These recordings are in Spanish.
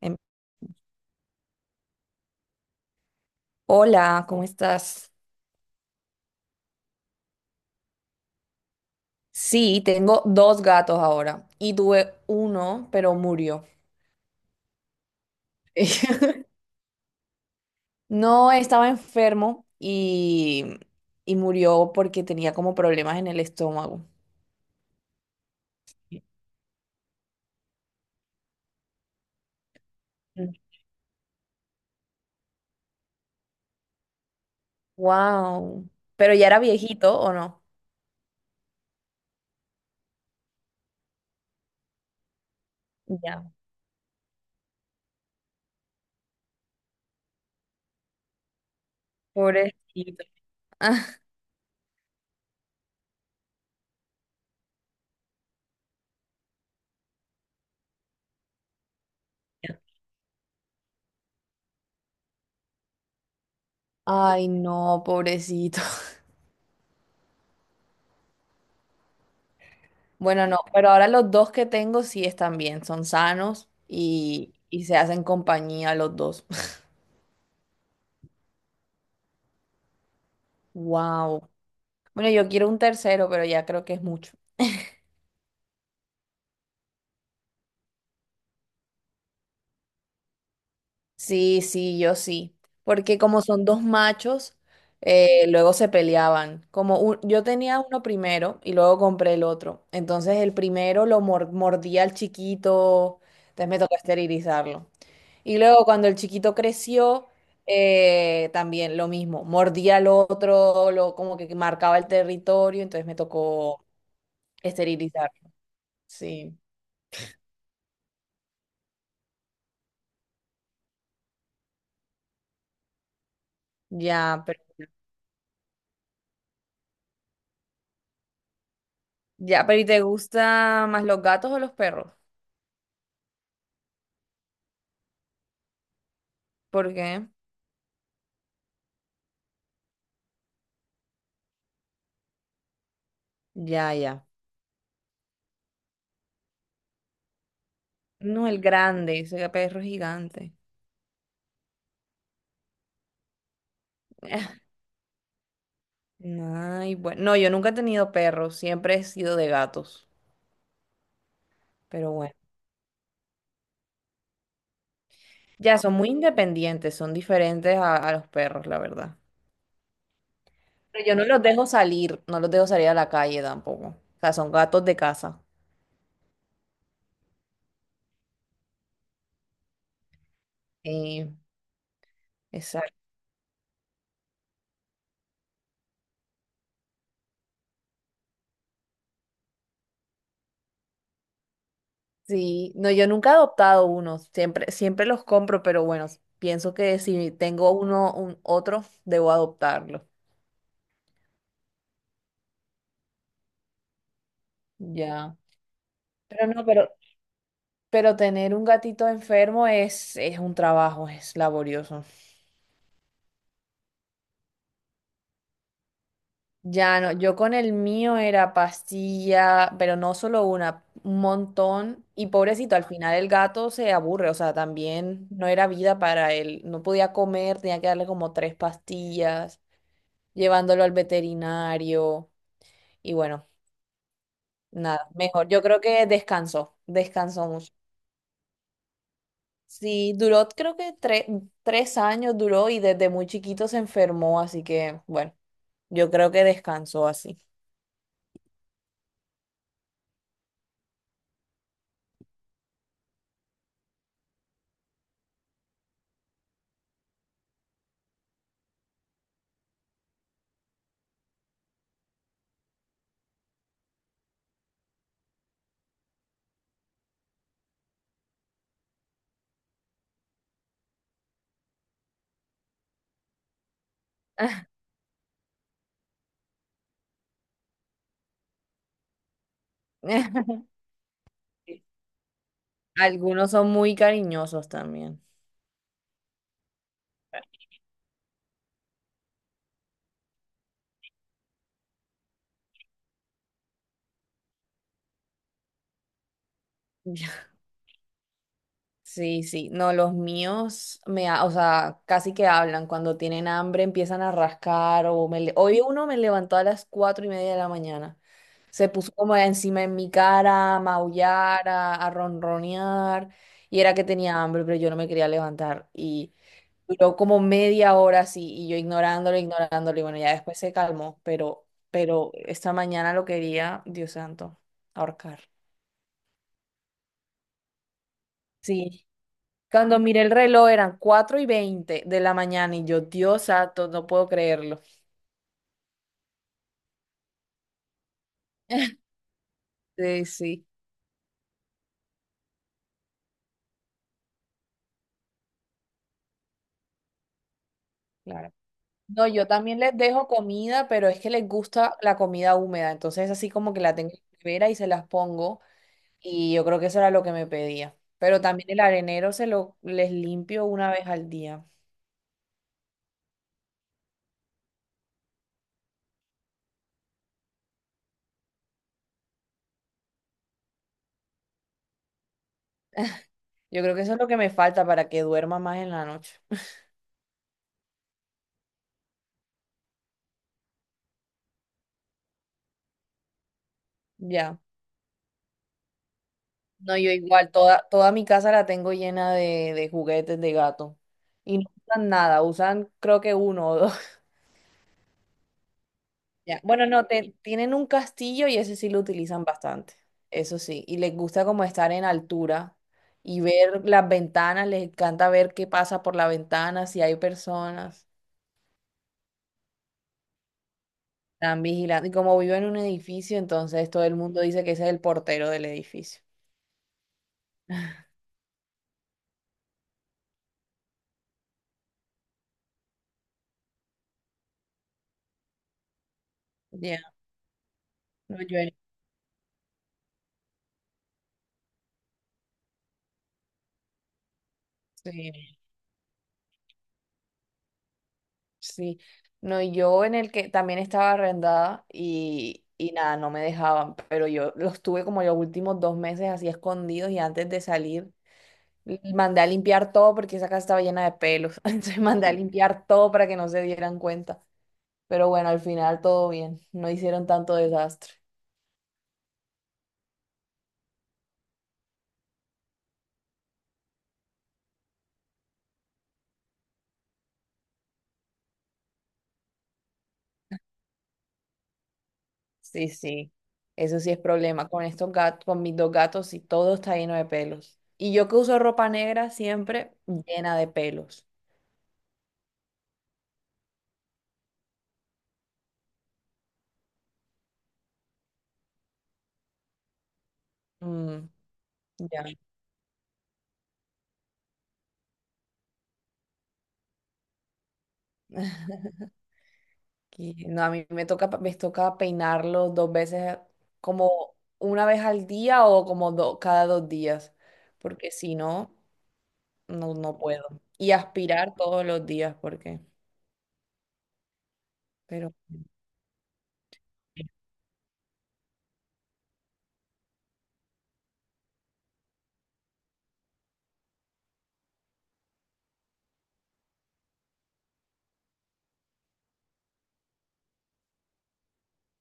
Em, Hola, ¿cómo estás? Sí, tengo dos gatos ahora y tuve uno, pero murió. No estaba enfermo y murió porque tenía como problemas en el estómago. Mm. Wow. Pero ya era viejito, ¿o no? Ya, pobrecito. Ah. Ay, no, pobrecito. Bueno, no, pero ahora los dos que tengo sí están bien, son sanos y se hacen compañía los dos. Wow. Bueno, yo quiero un tercero, pero ya creo que es mucho. Sí, sí, yo sí. Porque como son dos machos, luego se peleaban. Yo tenía uno primero y luego compré el otro. Entonces el primero lo mordía al chiquito, entonces me tocó esterilizarlo. Y luego cuando el chiquito creció, también lo mismo, mordía al otro, lo, como que marcaba el territorio, entonces me tocó esterilizarlo. Sí, ya, pero. Ya, pero ¿y te gustan más los gatos o los perros? ¿Por qué? Ya, ya. No, el grande, ese perro es gigante. Ay, bueno. No, yo nunca he tenido perros, siempre he sido de gatos. Pero bueno. Ya, son muy independientes, son diferentes a los perros, la verdad. Pero yo no los dejo salir, no los dejo salir a la calle tampoco. O sea, son gatos de casa. Eh, Sí, no, yo nunca he adoptado unos, siempre, siempre los compro, pero bueno, pienso que si tengo uno, un otro, debo adoptarlo. Ya. Pero no, pero tener un gatito enfermo es un trabajo, es laborioso. Ya no, yo con el mío era pastilla, pero no solo una, un montón. Y pobrecito, al final el gato se aburre, o sea, también no era vida para él. No podía comer, tenía que darle como tres pastillas, llevándolo al veterinario. Y bueno, nada, mejor. Yo creo que descansó, descansó mucho. Sí, duró, creo que tres años duró y desde muy chiquito se enfermó, así que bueno, yo creo que descansó así. Algunos son muy cariñosos también. Sí, sí, no, los míos o sea, casi que hablan cuando tienen hambre, empiezan a rascar o hoy uno me levantó a las 4:30 de la mañana, se puso como encima en mi cara, a maullar, a ronronear y era que tenía hambre, pero yo no me quería levantar y duró como media hora así y yo ignorándolo, ignorándolo y bueno, ya después se calmó, pero esta mañana lo quería, Dios santo, ahorcar. Sí. Cuando miré el reloj eran 4:20 de la mañana y yo, Dios santo, no puedo creerlo. Sí, sí, claro. No, yo también les dejo comida, pero es que les gusta la comida húmeda, entonces así como que la tengo en la nevera y se las pongo y yo creo que eso era lo que me pedía. Pero también el arenero se lo les limpio una vez al día. Yo creo que eso es lo que me falta para que duerma más en la noche. Ya. No, yo igual, toda mi casa la tengo llena de juguetes de gato. Y no usan nada, usan creo que uno o dos. Ya, bueno, no, tienen un castillo y ese sí lo utilizan bastante, eso sí. Y les gusta como estar en altura y ver las ventanas, les encanta ver qué pasa por la ventana, si hay personas, están vigilando. Y como vivo en un edificio, entonces todo el mundo dice que ese es el portero del edificio. Ya, no, yo, sí. Sí, no, yo en el que también estaba arrendada y nada, no me dejaban, pero yo los tuve como los últimos 2 meses así escondidos y antes de salir mandé a limpiar todo porque esa casa estaba llena de pelos, entonces mandé a limpiar todo para que no se dieran cuenta, pero bueno, al final todo bien, no hicieron tanto desastre. Sí, sí, eso sí es problema, con estos gatos, con mis dos gatos y todo está lleno de pelos. Y yo que uso ropa negra siempre llena de pelos. Mm, ya. Y no, a mí me toca peinarlo dos veces, como una vez al día o como cada 2 días, porque si no, no puedo. Y aspirar todos los días, porque, pero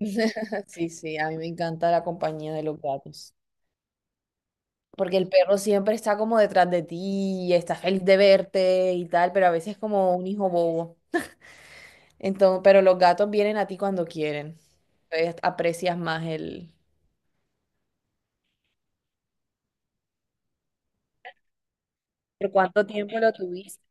sí, sí, a mí me encanta la compañía de los gatos. Porque el perro siempre está como detrás de ti, y está feliz de verte y tal, pero a veces es como un hijo bobo. Entonces, pero los gatos vienen a ti cuando quieren. Entonces, aprecias más el. ¿Por cuánto tiempo lo tuviste?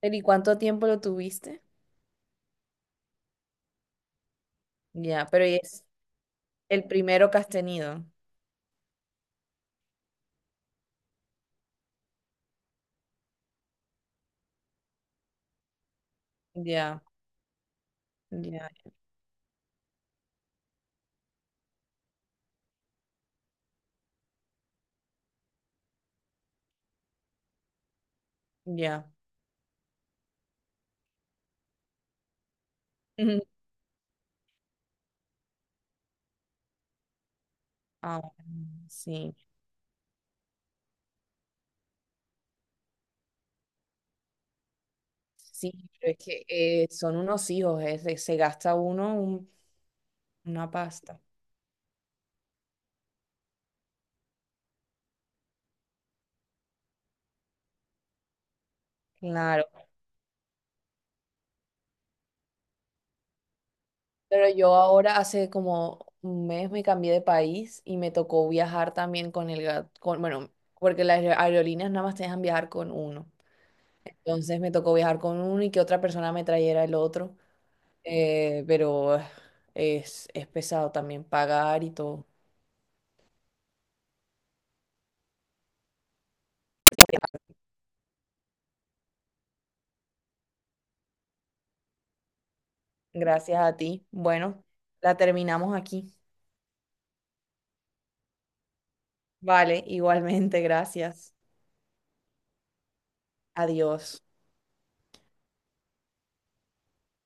Pero, ¿y cuánto tiempo lo tuviste? Ya, pero y es el primero que has tenido. Ya, ya, ya. Ujú. Ah, sí, sí, pero es que son unos hijos, se gasta uno una pasta. Claro, pero yo ahora hace como un mes me cambié de país y me tocó viajar también con el gato, con, bueno, porque las aerolíneas nada más te dejan viajar con uno. Entonces me tocó viajar con uno y que otra persona me trajera el otro. Pero es pesado también pagar y todo. Gracias a ti. Bueno, la terminamos aquí. Vale, igualmente, gracias. Adiós.